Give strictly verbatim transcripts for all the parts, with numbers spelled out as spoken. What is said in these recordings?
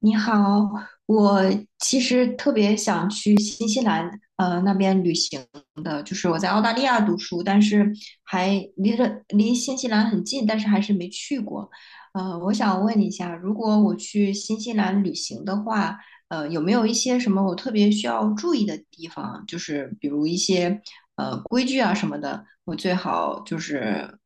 你好，我其实特别想去新西兰，呃，那边旅行的。就是我在澳大利亚读书，但是还离着离新西兰很近，但是还是没去过。呃，我想问一下，如果我去新西兰旅行的话，呃，有没有一些什么我特别需要注意的地方？就是比如一些呃规矩啊什么的，我最好就是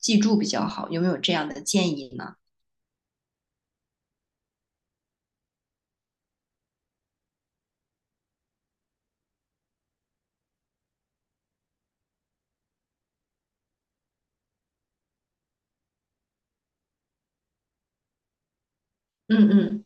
记住比较好。有没有这样的建议呢？嗯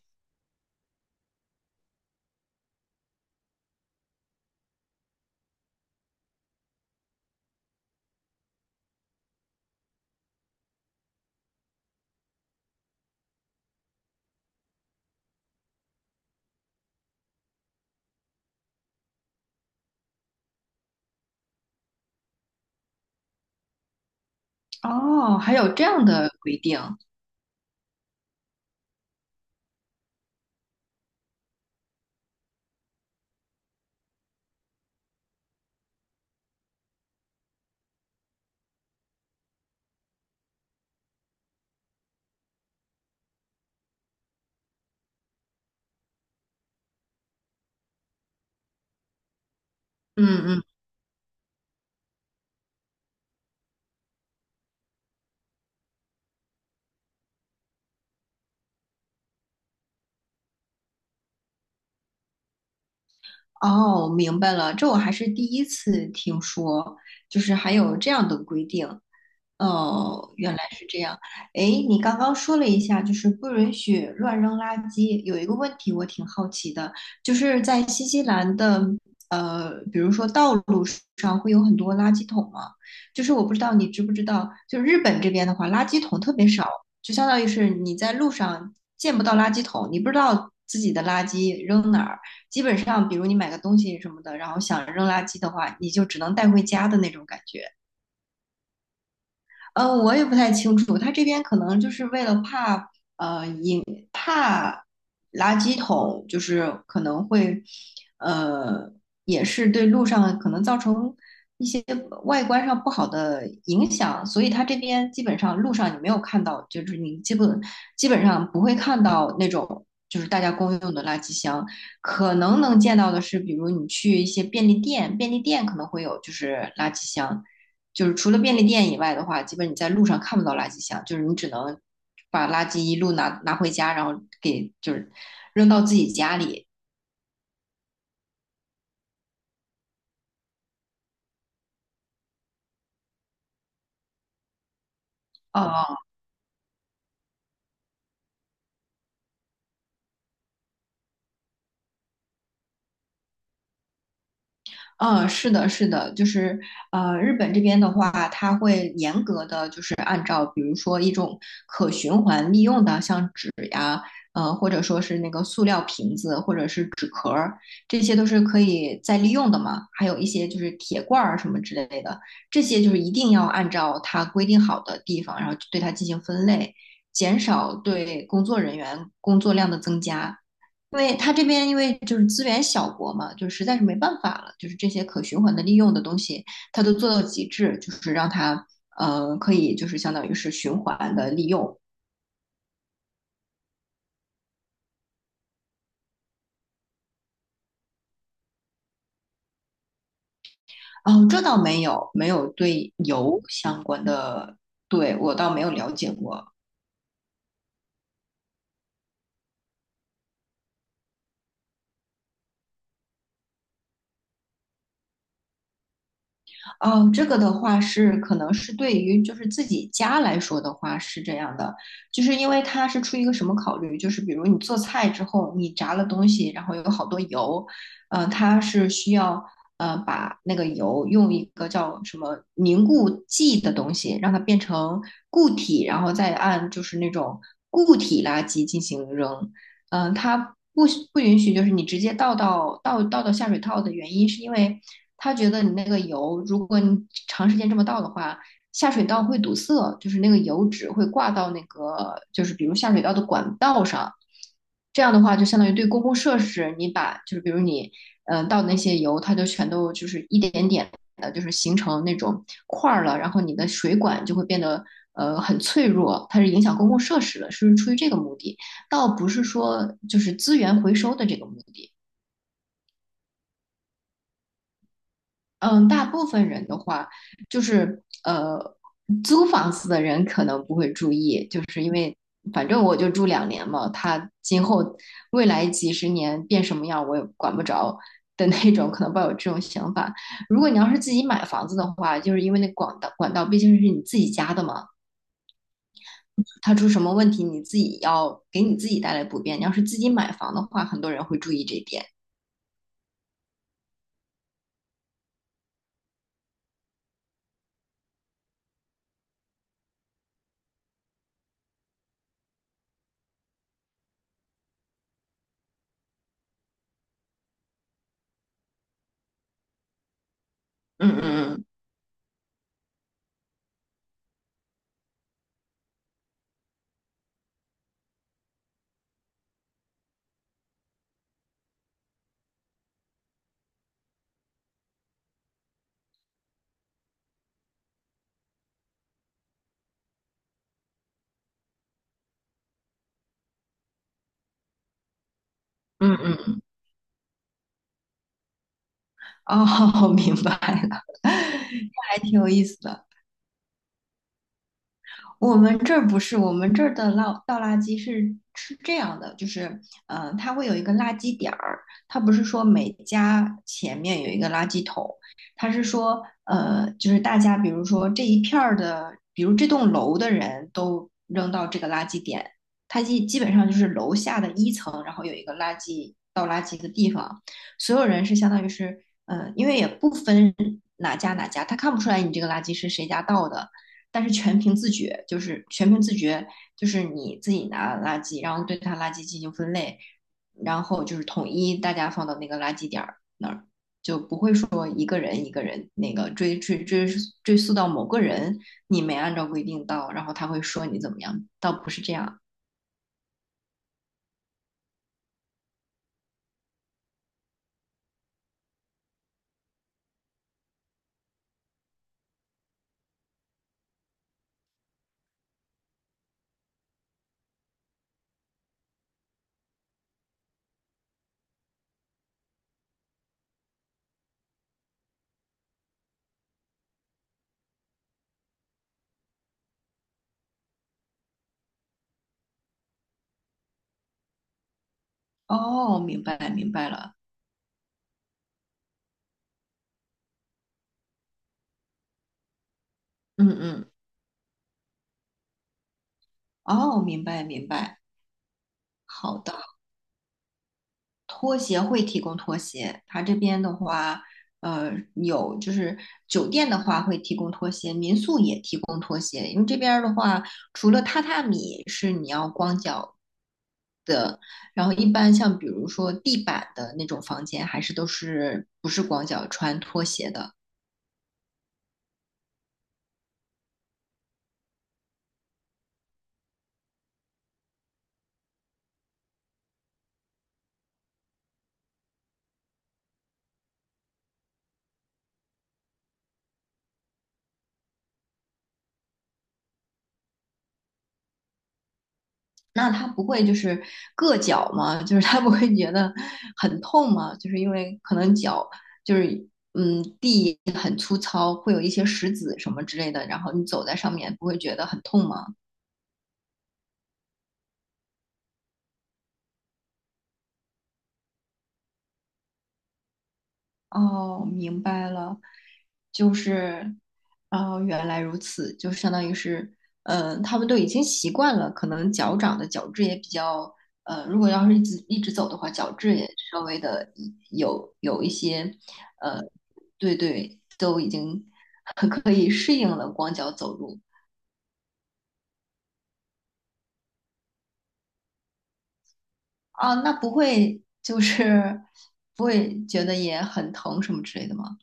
哦，还有这样的规定，嗯嗯，哦，明白了，这我还是第一次听说，就是还有这样的规定。哦，原来是这样。哎，你刚刚说了一下，就是不允许乱扔垃圾。有一个问题我挺好奇的，就是在新西兰的呃，比如说道路上会有很多垃圾桶吗？就是我不知道你知不知道，就是日本这边的话，垃圾桶特别少，就相当于是你在路上见不到垃圾桶，你不知道自己的垃圾扔哪儿。基本上，比如你买个东西什么的，然后想扔垃圾的话，你就只能带回家的那种感觉。嗯，我也不太清楚，他这边可能就是为了怕垃圾桶，就是可能会，呃，也是对路上可能造成一些外观上不好的影响，所以他这边基本上路上你没有看到，就是你基本基本上不会看到那种就是大家公用的垃圾箱，可能能见到的是，比如你去一些便利店，便利店可能会有就是垃圾箱，就是除了便利店以外的话，基本你在路上看不到垃圾箱，就是你只能把垃圾一路拿拿回家，然后给就是扔到自己家里。哦，嗯，是的，是的，就是呃，日本这边的话，它会严格的就是按照，比如说一种可循环利用的，像纸呀，呃，或者说是那个塑料瓶子，或者是纸壳儿，这些都是可以再利用的嘛。还有一些就是铁罐儿什么之类的，这些就是一定要按照它规定好的地方，然后对它进行分类，减少对工作人员工作量的增加。因为它这边因为就是资源小国嘛，就实在是没办法了，就是这些可循环的利用的东西，它都做到极致，就是让它呃可以就是相当于是循环的利用。哦，这倒没有，没有对油相关的，对，我倒没有了解过。哦，这个的话是可能是对于就是自己家来说的话是这样的，就是因为它是出于一个什么考虑，就是比如你做菜之后，你炸了东西，然后有好多油，呃，它是需要呃把那个油用一个叫什么凝固剂的东西，让它变成固体，然后再按就是那种固体垃圾进行扔，嗯、它不不允许就是你直接倒到倒倒到下水道的原因是因为，他觉得你那个油，如果你长时间这么倒的话，下水道会堵塞，就是那个油脂会挂到那个，就是比如下水道的管道上。这样的话，就相当于对公共设施，你把就是比如你嗯、呃倒的那些油，它就全都就是一点点的，就是形成那种块儿了，然后你的水管就会变得呃很脆弱，它是影响公共设施的，是出于这个目的，倒不是说就是资源回收的这个目的。嗯，大部分人的话，就是呃，租房子的人可能不会注意，就是因为反正我就住两年嘛，他今后未来几十年变什么样我也管不着的那种，可能抱有这种想法。如果你要是自己买房子的话，就是因为那管道管道毕竟是你自己家的嘛，它出什么问题你自己要给你自己带来不便。你要是自己买房的话，很多人会注意这一点。嗯嗯嗯嗯嗯哦，明白了，那还挺有意思的。我们这儿不是，我们这儿的倒倒垃圾是是这样的，就是，嗯、它会有一个垃圾点儿，它不是说每家前面有一个垃圾桶，它是说，呃，就是大家比如说这一片儿的，比如这栋楼的人都扔到这个垃圾点，它基基本上就是楼下的一层，然后有一个垃圾倒垃圾的地方，所有人是相当于是，嗯、因为也不分哪家哪家，他看不出来你这个垃圾是谁家倒的。但是全凭自觉，就是全凭自觉，就是你自己拿垃圾，然后对它垃圾进行分类，然后就是统一大家放到那个垃圾点儿那儿，就不会说一个人一个人那个追追追追溯到某个人，你没按照规定到，然后他会说你怎么样，倒不是这样。哦，明白明白了，嗯嗯，哦，明白明白，好的。拖鞋会提供拖鞋，它这边的话，呃，有就是酒店的话会提供拖鞋，民宿也提供拖鞋。因为这边儿的话，除了榻榻米是你要光脚，然后一般像比如说地板的那种房间，还是都是不是光脚穿拖鞋的。那他不会就是硌脚吗？就是他不会觉得很痛吗？就是因为可能脚就是嗯地很粗糙，会有一些石子什么之类的，然后你走在上面不会觉得很痛吗？哦，明白了，就是，哦，原来如此，就相当于是，嗯、他们都已经习惯了，可能脚掌的角质也比较，呃，如果要是一直一直走的话，角质也稍微的有有一些，呃，对对，都已经 可以适应了光脚走路啊，那不会就是不会觉得也很疼什么之类的吗？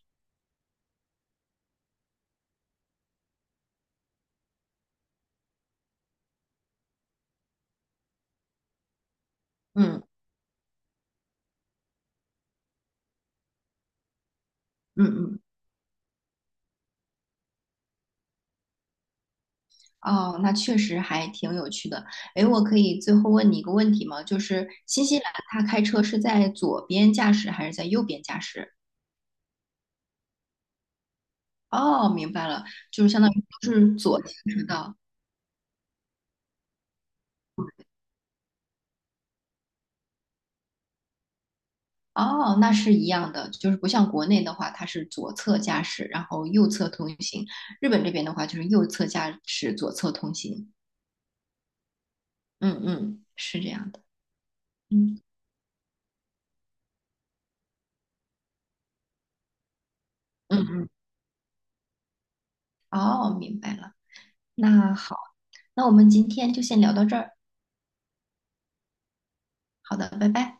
嗯嗯嗯。哦，那确实还挺有趣的。诶，我可以最后问你一个问题吗？就是新西兰它开车是在左边驾驶还是在右边驾驶？哦，明白了，就是相当于都是左行驶道。哦，那是一样的，就是不像国内的话，它是左侧驾驶，然后右侧通行。日本这边的话，就是右侧驾驶，左侧通行。嗯嗯，是这样的。嗯嗯嗯，哦，明白了。那好，那我们今天就先聊到这儿。好的，拜拜。